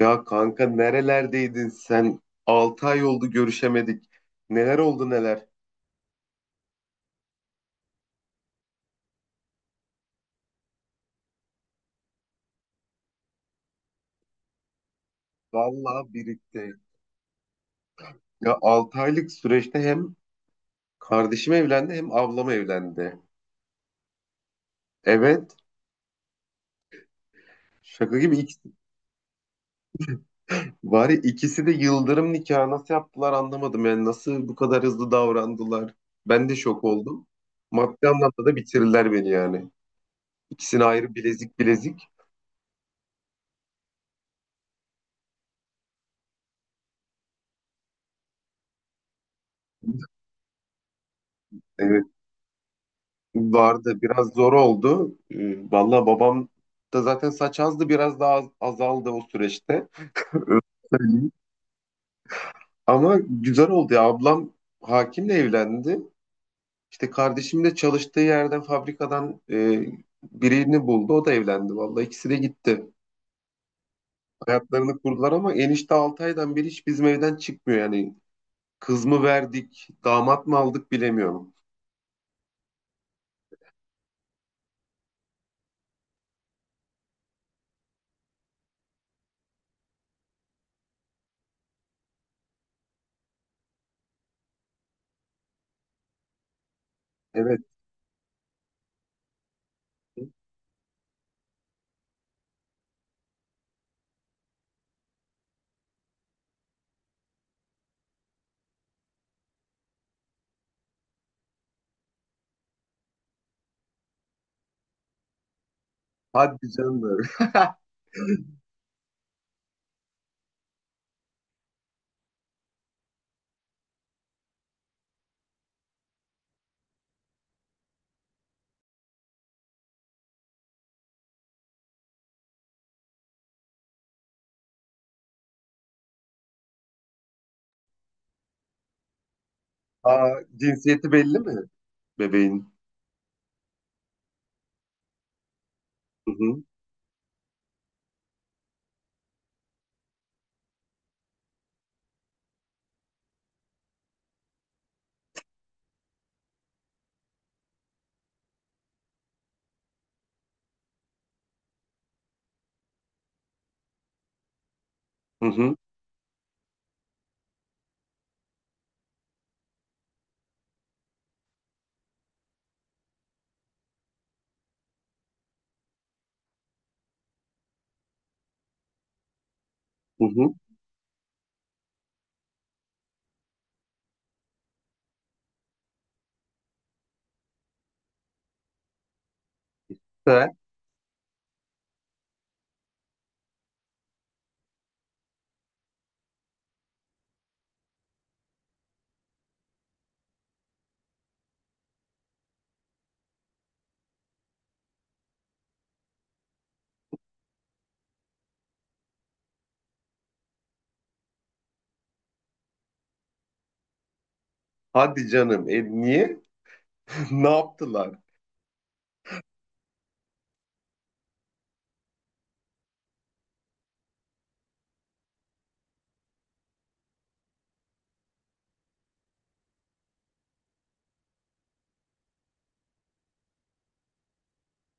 Ya kanka nerelerdeydin sen? 6 ay oldu görüşemedik. Neler oldu neler? Vallahi birikti. Ya 6 aylık süreçte hem kardeşim evlendi hem ablam evlendi. Evet. Şaka gibi ikisi, var ya ikisi de yıldırım nikahı nasıl yaptılar anlamadım yani nasıl bu kadar hızlı davrandılar. Ben de şok oldum. Maddi anlamda da bitirirler beni yani. İkisini ayrı bilezik bilezik. Evet. Vardı. Biraz zor oldu. Valla babam da zaten saç azdı. Biraz daha azaldı o süreçte. Öyle söyleyeyim. Ama güzel oldu ya. Ablam hakimle evlendi. İşte kardeşim de çalıştığı yerden fabrikadan birini buldu. O da evlendi. Vallahi ikisi de gitti. Hayatlarını kurdular ama enişte 6 aydan beri hiç bizim evden çıkmıyor. Yani kız mı verdik, damat mı aldık bilemiyorum. Evet. Hadi canım. Aa, cinsiyeti belli mi bebeğin? Hı hı. Hı hı. Hı hı. Süper. Hadi canım. E, niye? Ne yaptılar?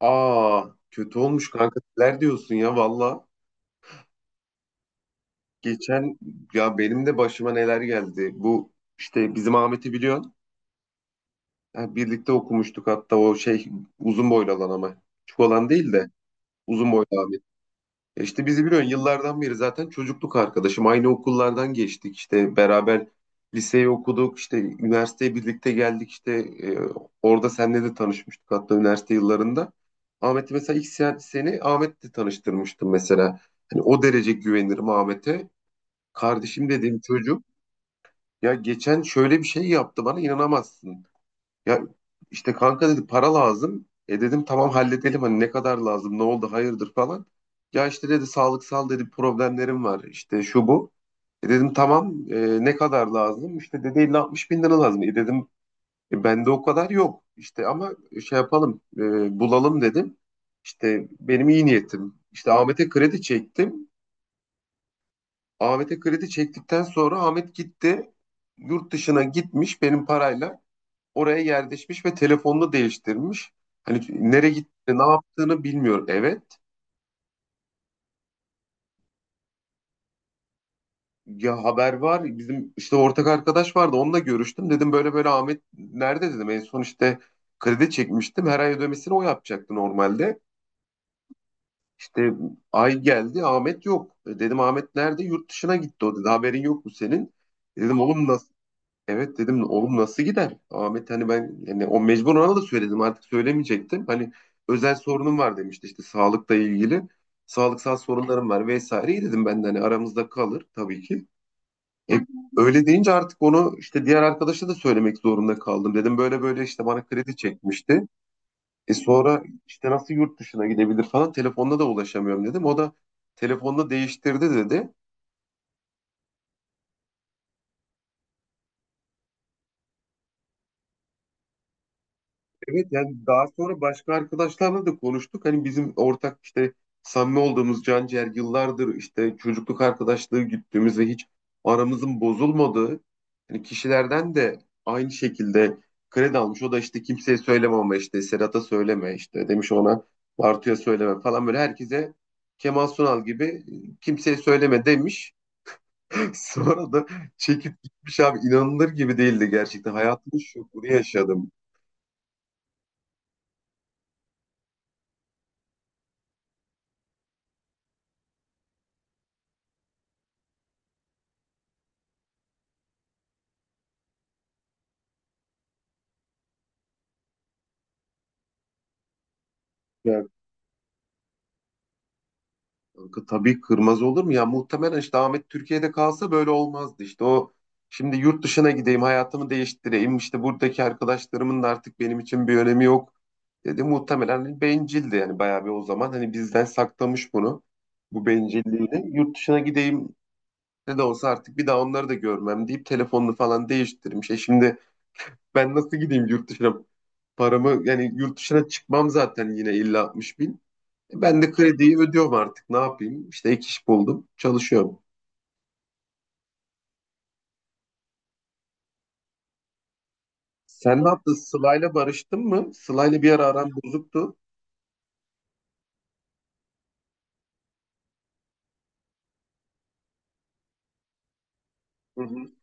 Aa, kötü olmuş kanka. Neler diyorsun ya valla. Geçen ya benim de başıma neler geldi. Bu işte bizim Ahmet'i biliyorsun. Ha, birlikte okumuştuk hatta o şey uzun boylu olan ama. Küçük olan değil de uzun boylu. E, İşte bizi biliyorsun yıllardan beri zaten çocukluk arkadaşım. Aynı okullardan geçtik işte beraber liseyi okuduk işte üniversiteye birlikte geldik işte e, orada senle de tanışmıştık hatta üniversite yıllarında. Ahmet'i mesela ilk seni Ahmet'le tanıştırmıştım mesela. Hani o derece güvenirim Ahmet'e. Kardeşim dediğim çocuk ya geçen şöyle bir şey yaptı bana inanamazsın. Ya işte kanka dedi para lazım. E dedim tamam halledelim hani ne kadar lazım ne oldu hayırdır falan. Ya işte dedi sağlıksal dedi problemlerim var işte şu bu. E dedim tamam ne kadar lazım? İşte dedi 50-60 bin lira lazım. E dedim bende o kadar yok. İşte ama şey yapalım bulalım dedim. İşte benim iyi niyetim. İşte Ahmet'e kredi çektim. Ahmet'e kredi çektikten sonra Ahmet gitti yurt dışına gitmiş benim parayla oraya yerleşmiş ve telefonunu değiştirmiş. Hani nereye gitti, ne yaptığını bilmiyor. Evet. Ya haber var. Bizim işte ortak arkadaş vardı. Onunla görüştüm. Dedim böyle böyle Ahmet nerede dedim. En son işte kredi çekmiştim. Her ay ödemesini o yapacaktı normalde. İşte ay geldi Ahmet yok. E, dedim Ahmet nerede? Yurt dışına gitti o dedi. Haberin yok mu senin? E, dedim oğlum nasıl? Evet dedim oğlum nasıl gider? Ahmet hani ben yani o mecbur ona da söyledim artık söylemeyecektim. Hani özel sorunum var demişti işte sağlıkla ilgili. Sağlıksal sorunlarım var vesaire. İyi dedim ben de hani aramızda kalır tabii ki. E, öyle deyince artık onu işte diğer arkadaşa da söylemek zorunda kaldım. Dedim böyle böyle işte bana kredi çekmişti. E sonra işte nasıl yurt dışına gidebilir falan telefonla da ulaşamıyorum dedim. O da telefonla değiştirdi dedi. Evet yani daha sonra başka arkadaşlarla da konuştuk. Hani bizim ortak işte samimi olduğumuz Canciğer yıllardır işte çocukluk arkadaşlığı güttüğümüz ve hiç aramızın bozulmadığı hani kişilerden de aynı şekilde kredi almış. O da işte kimseye söyleme ama işte Serhat'a söyleme işte demiş ona Bartu'ya söyleme falan böyle herkese Kemal Sunal gibi, kimseye söyleme" demiş. Sonra da çekip gitmiş abi inanılır gibi değildi gerçekten. Hayatımın şokunu yaşadım. Kanka tabii kırmaz olur mu? Ya muhtemelen işte Ahmet Türkiye'de kalsa böyle olmazdı. İşte o şimdi yurt dışına gideyim, hayatımı değiştireyim. İşte buradaki arkadaşlarımın da artık benim için bir önemi yok dedi. Muhtemelen bencildi yani bayağı bir o zaman. Hani bizden saklamış bunu, bu bencilliğini. Yurt dışına gideyim ne de olsa artık bir daha onları da görmem deyip telefonunu falan değiştirmiş. E şimdi ben nasıl gideyim yurt dışına? Paramı yani yurt dışına çıkmam zaten yine illa 60 ben de krediyi ödüyorum artık. Ne yapayım? İşte ek iş buldum. Çalışıyorum. Sen ne yaptın? Sıla'yla barıştın mı? Sıla'yla bir ara aram bozuktu. Hı hı.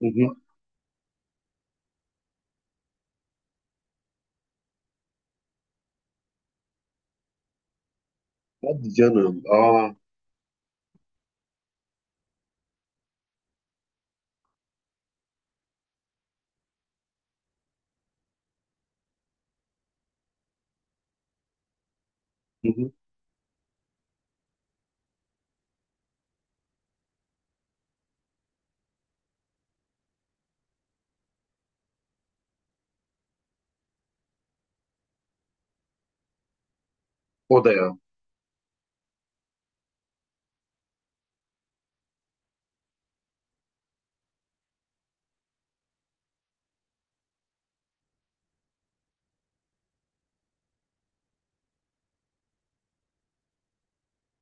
Hı hı. Hadi canım. Aa. Hı hı. O da ya.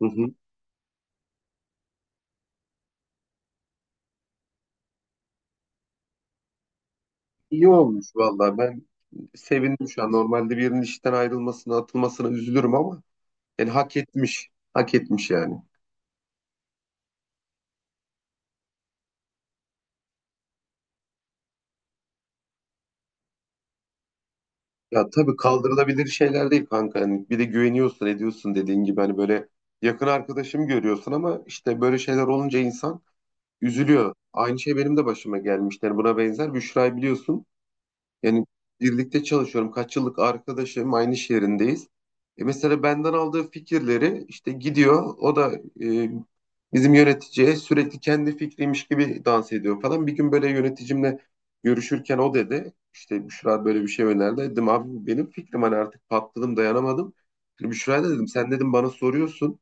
Hı hı. İyi olmuş vallahi. Ben sevindim şu an. Normalde birinin işten ayrılmasına, atılmasına üzülürüm ama yani hak etmiş. Hak etmiş yani. Ya tabii kaldırılabilir şeyler değil kanka. Hani bir de güveniyorsun, ediyorsun dediğin gibi hani böyle yakın arkadaşım görüyorsun ama işte böyle şeyler olunca insan üzülüyor. Aynı şey benim de başıma gelmişti. Yani buna benzer. Büşra'yı biliyorsun. Yani birlikte çalışıyorum. Kaç yıllık arkadaşım aynı şehrindeyiz. E mesela benden aldığı fikirleri işte gidiyor. O da e, bizim yöneticiye sürekli kendi fikriymiş gibi dans ediyor falan. Bir gün böyle yöneticimle görüşürken o dedi. İşte Büşra böyle bir şey önerdi. Dedim abi bu benim fikrim hani artık patladım dayanamadım. Şimdi Büşra'ya da dedim sen dedim bana soruyorsun.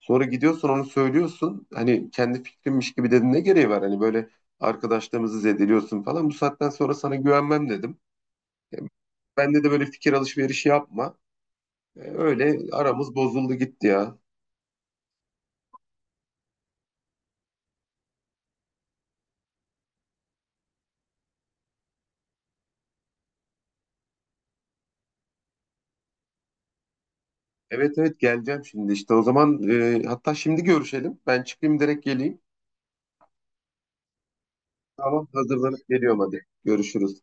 Sonra gidiyorsun onu söylüyorsun. Hani kendi fikrimmiş gibi dedin ne gereği var? Hani böyle arkadaşlarımızı zedeliyorsun falan. Bu saatten sonra sana güvenmem dedim. Bende de böyle fikir alışverişi yapma. Öyle aramız bozuldu gitti ya. Evet evet geleceğim şimdi işte o zaman hatta şimdi görüşelim. Ben çıkayım direkt geleyim. Tamam hazırlanıp geliyorum hadi. Görüşürüz.